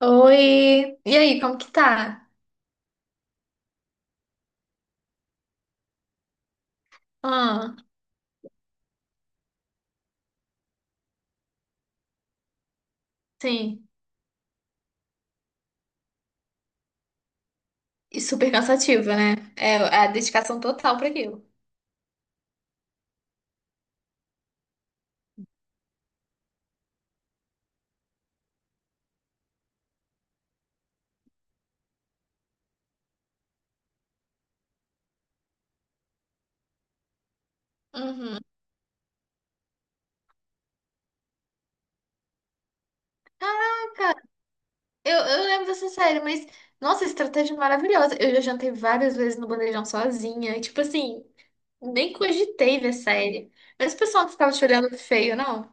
Oi! E aí, como que tá? Ah, sim. E super cansativo, né? É a dedicação total pra aquilo. Uhum. Caraca! Eu lembro dessa série, mas... Nossa, estratégia maravilhosa. Eu já jantei várias vezes no bandejão sozinha. Tipo assim, nem cogitei ver série. Mas o pessoal não ficava te olhando feio, não?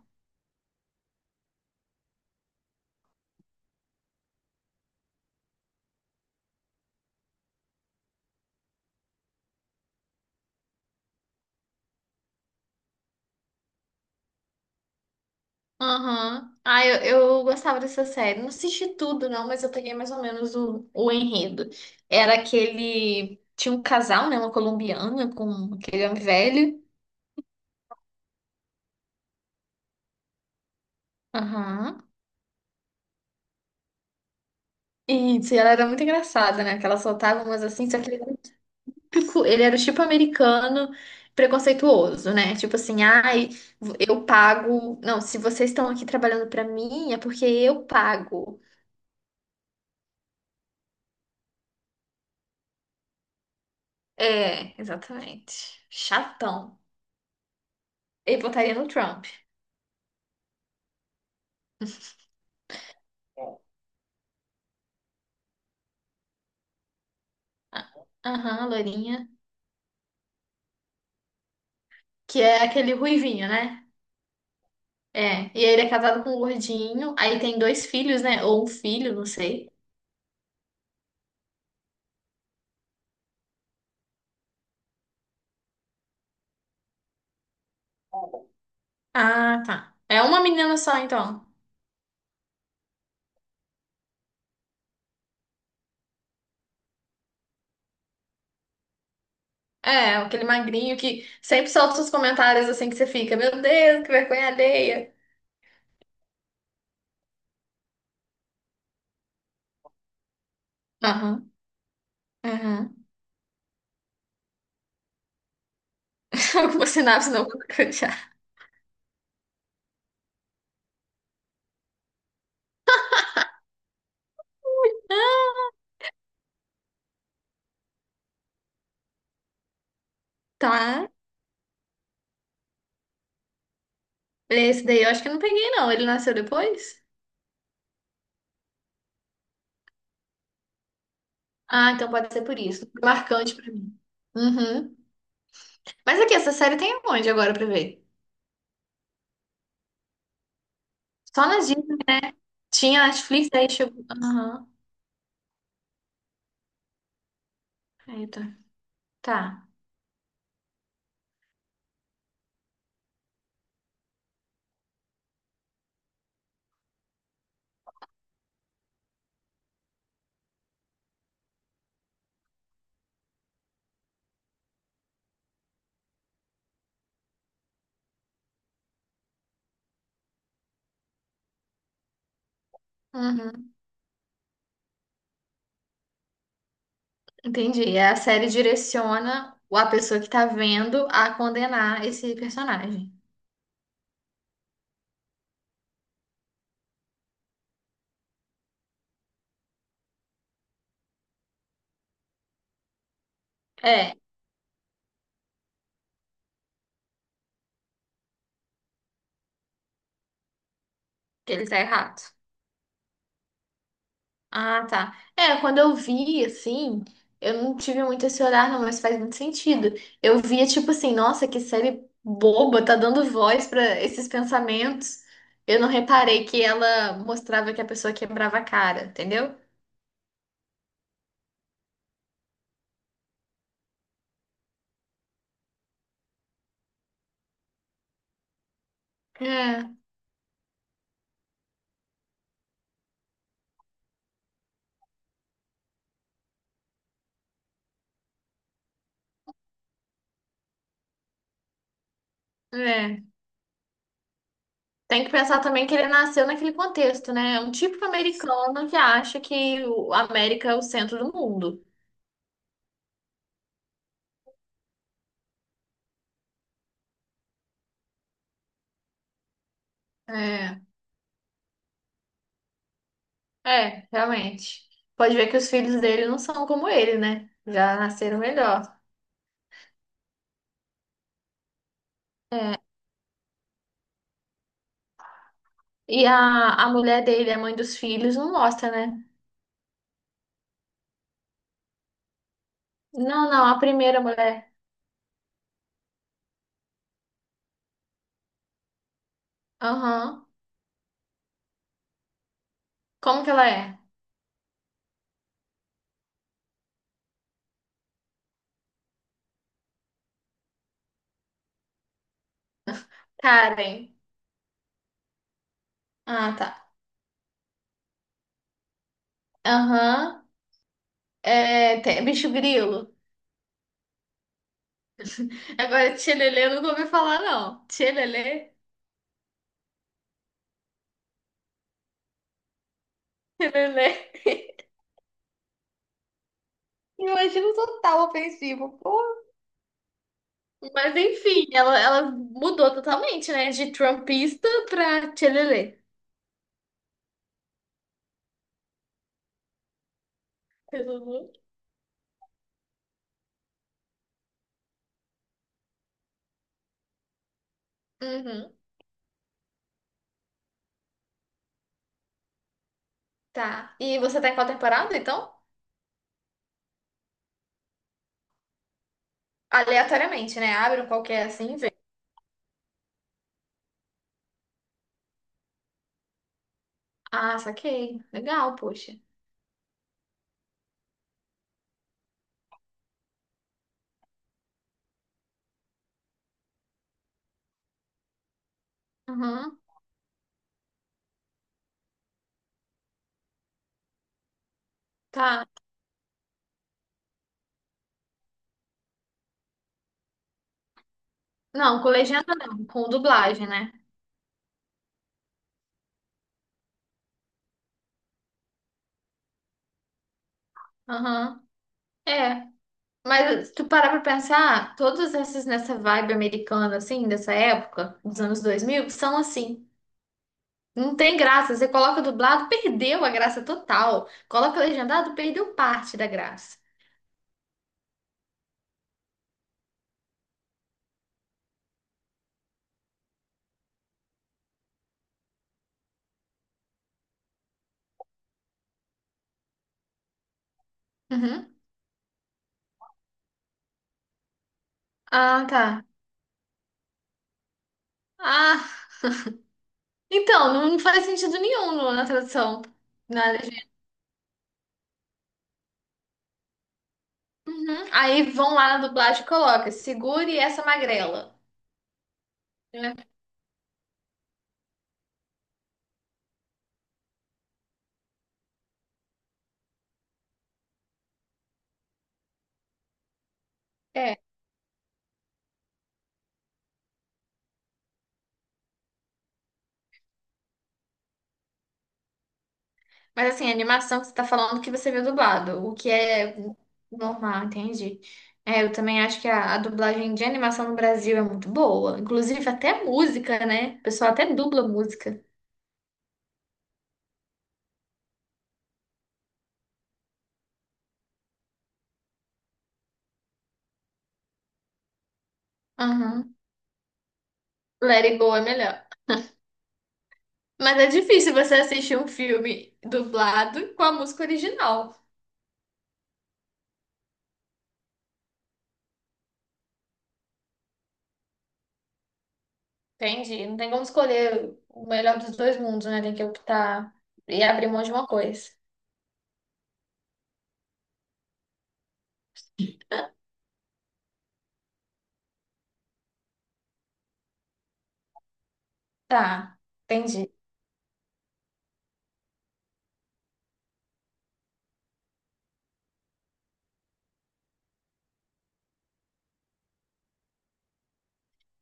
Aham. Ah, eu gostava dessa série. Não assisti tudo, não, mas eu peguei mais ou menos o enredo. Era aquele. Tinha um casal, né? Uma colombiana com aquele homem velho. Aham. E se ela era muito engraçada, né? Que ela soltava umas assim, só que ele era o típico, ele era o tipo americano preconceituoso, né? Tipo assim, ai, eu pago. Não, se vocês estão aqui trabalhando pra mim, é porque eu pago. É, exatamente. Chatão. Ele votaria no Trump. Ah, aham, loirinha. Que é aquele ruivinho, né? É. E ele é casado com um gordinho. Aí tem dois filhos, né? Ou um filho, não sei. Ah, tá. É uma menina só, então. É, aquele magrinho que sempre solta os comentários assim que você fica, meu Deus, que vergonha alheia. Aham, aham. Alguma sinapse não já. Tá. Esse daí eu acho que eu não peguei, não. Ele nasceu depois? Ah, então pode ser por isso. Marcante pra mim. Uhum. Mas aqui, essa série tem onde agora pra ver? Só nas Disney. Tinha Netflix, aí chegou. Aham. Eita. Tá. Uhum. Entendi. É, a série direciona a pessoa que tá vendo a condenar esse personagem. É, que ele tá errado. Ah, tá. É, quando eu vi, assim, eu não tive muito esse olhar, não, mas faz muito sentido. Eu via, tipo assim, nossa, que série boba, tá dando voz pra esses pensamentos. Eu não reparei que ela mostrava que a pessoa quebrava a cara, entendeu? É, é. Tem que pensar também que ele nasceu naquele contexto, né? É um típico americano que acha que o- a América é o centro do mundo. É, realmente. Pode ver que os filhos dele não são como ele, né? Já nasceram melhor. E a mulher dele, a mãe dos filhos, não mostra, né? Não, não, a primeira mulher. Aham. Como que ela é? Karen. Ah, tá. Aham. É, tem- bicho grilo. Agora, tchelelê, eu nunca ouvi falar, não. Tchelelê? Tchelelê. Imagina o total ofensivo. Pô, mas enfim, ela mudou totalmente, né? De trumpista pra tchelelê. Jesus. Uhum, tá. E você tá em qual temporada, então? Aleatoriamente, né? Abre um qualquer assim e vê. Ah, saquei. Legal, poxa. Uhum, tá. Não, com legenda não, com dublagem, né? Aham. É. Mas se tu parar pra pensar, todos esses nessa vibe americana, assim, dessa época, dos anos 2000 são assim. Não tem graça. Você coloca dublado, perdeu a graça total. Coloca legendado, perdeu parte da graça. Uhum. Ah, tá. Ah, então, não faz sentido nenhum no- na tradução. Na legenda. Uhum. Aí vão lá na dublagem e coloca, segure essa magrela. É. É. Mas assim, a animação que você tá falando que você viu dublado, o que é normal, entendi. É, eu também acho que a dublagem de animação no Brasil é muito boa. Inclusive até música, né? O pessoal até dubla música. Aham. Let It Go é melhor. Mas é difícil você assistir um filme dublado com a música original. Entendi. Não tem vamos escolher o melhor dos dois mundos, né? Tem que optar e abrir mão de uma coisa. Tá, entendi.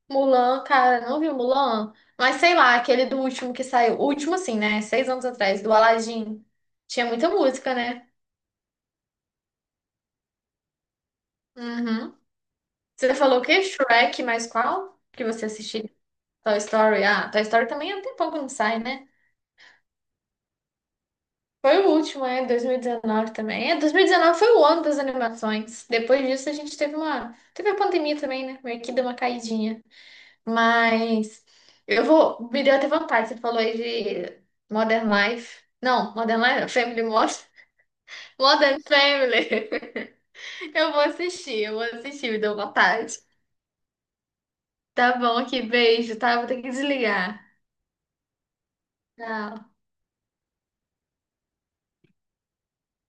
Mulan, cara, não viu Mulan? Mas sei lá, aquele do último que saiu. O último, assim, né? Seis anos atrás, do Aladdin. Tinha muita música, né? Uhum. Você falou o quê? Shrek, mas qual? Que você assistiu? Toy Story. Ah, Toy Story também há um tempão que não sai, né? Foi o último, é, 2019 também. É, 2019 foi o ano das animações. Depois disso a gente teve uma, teve a pandemia também, né? Meio que deu uma caidinha. Mas eu vou, me deu até vontade, você falou aí de Modern Life. Não, Modern Life, não, Family Modern, Modern Family. Eu vou assistir, me deu vontade. Tá bom aqui, beijo, tá? Vou ter que desligar. Tchau.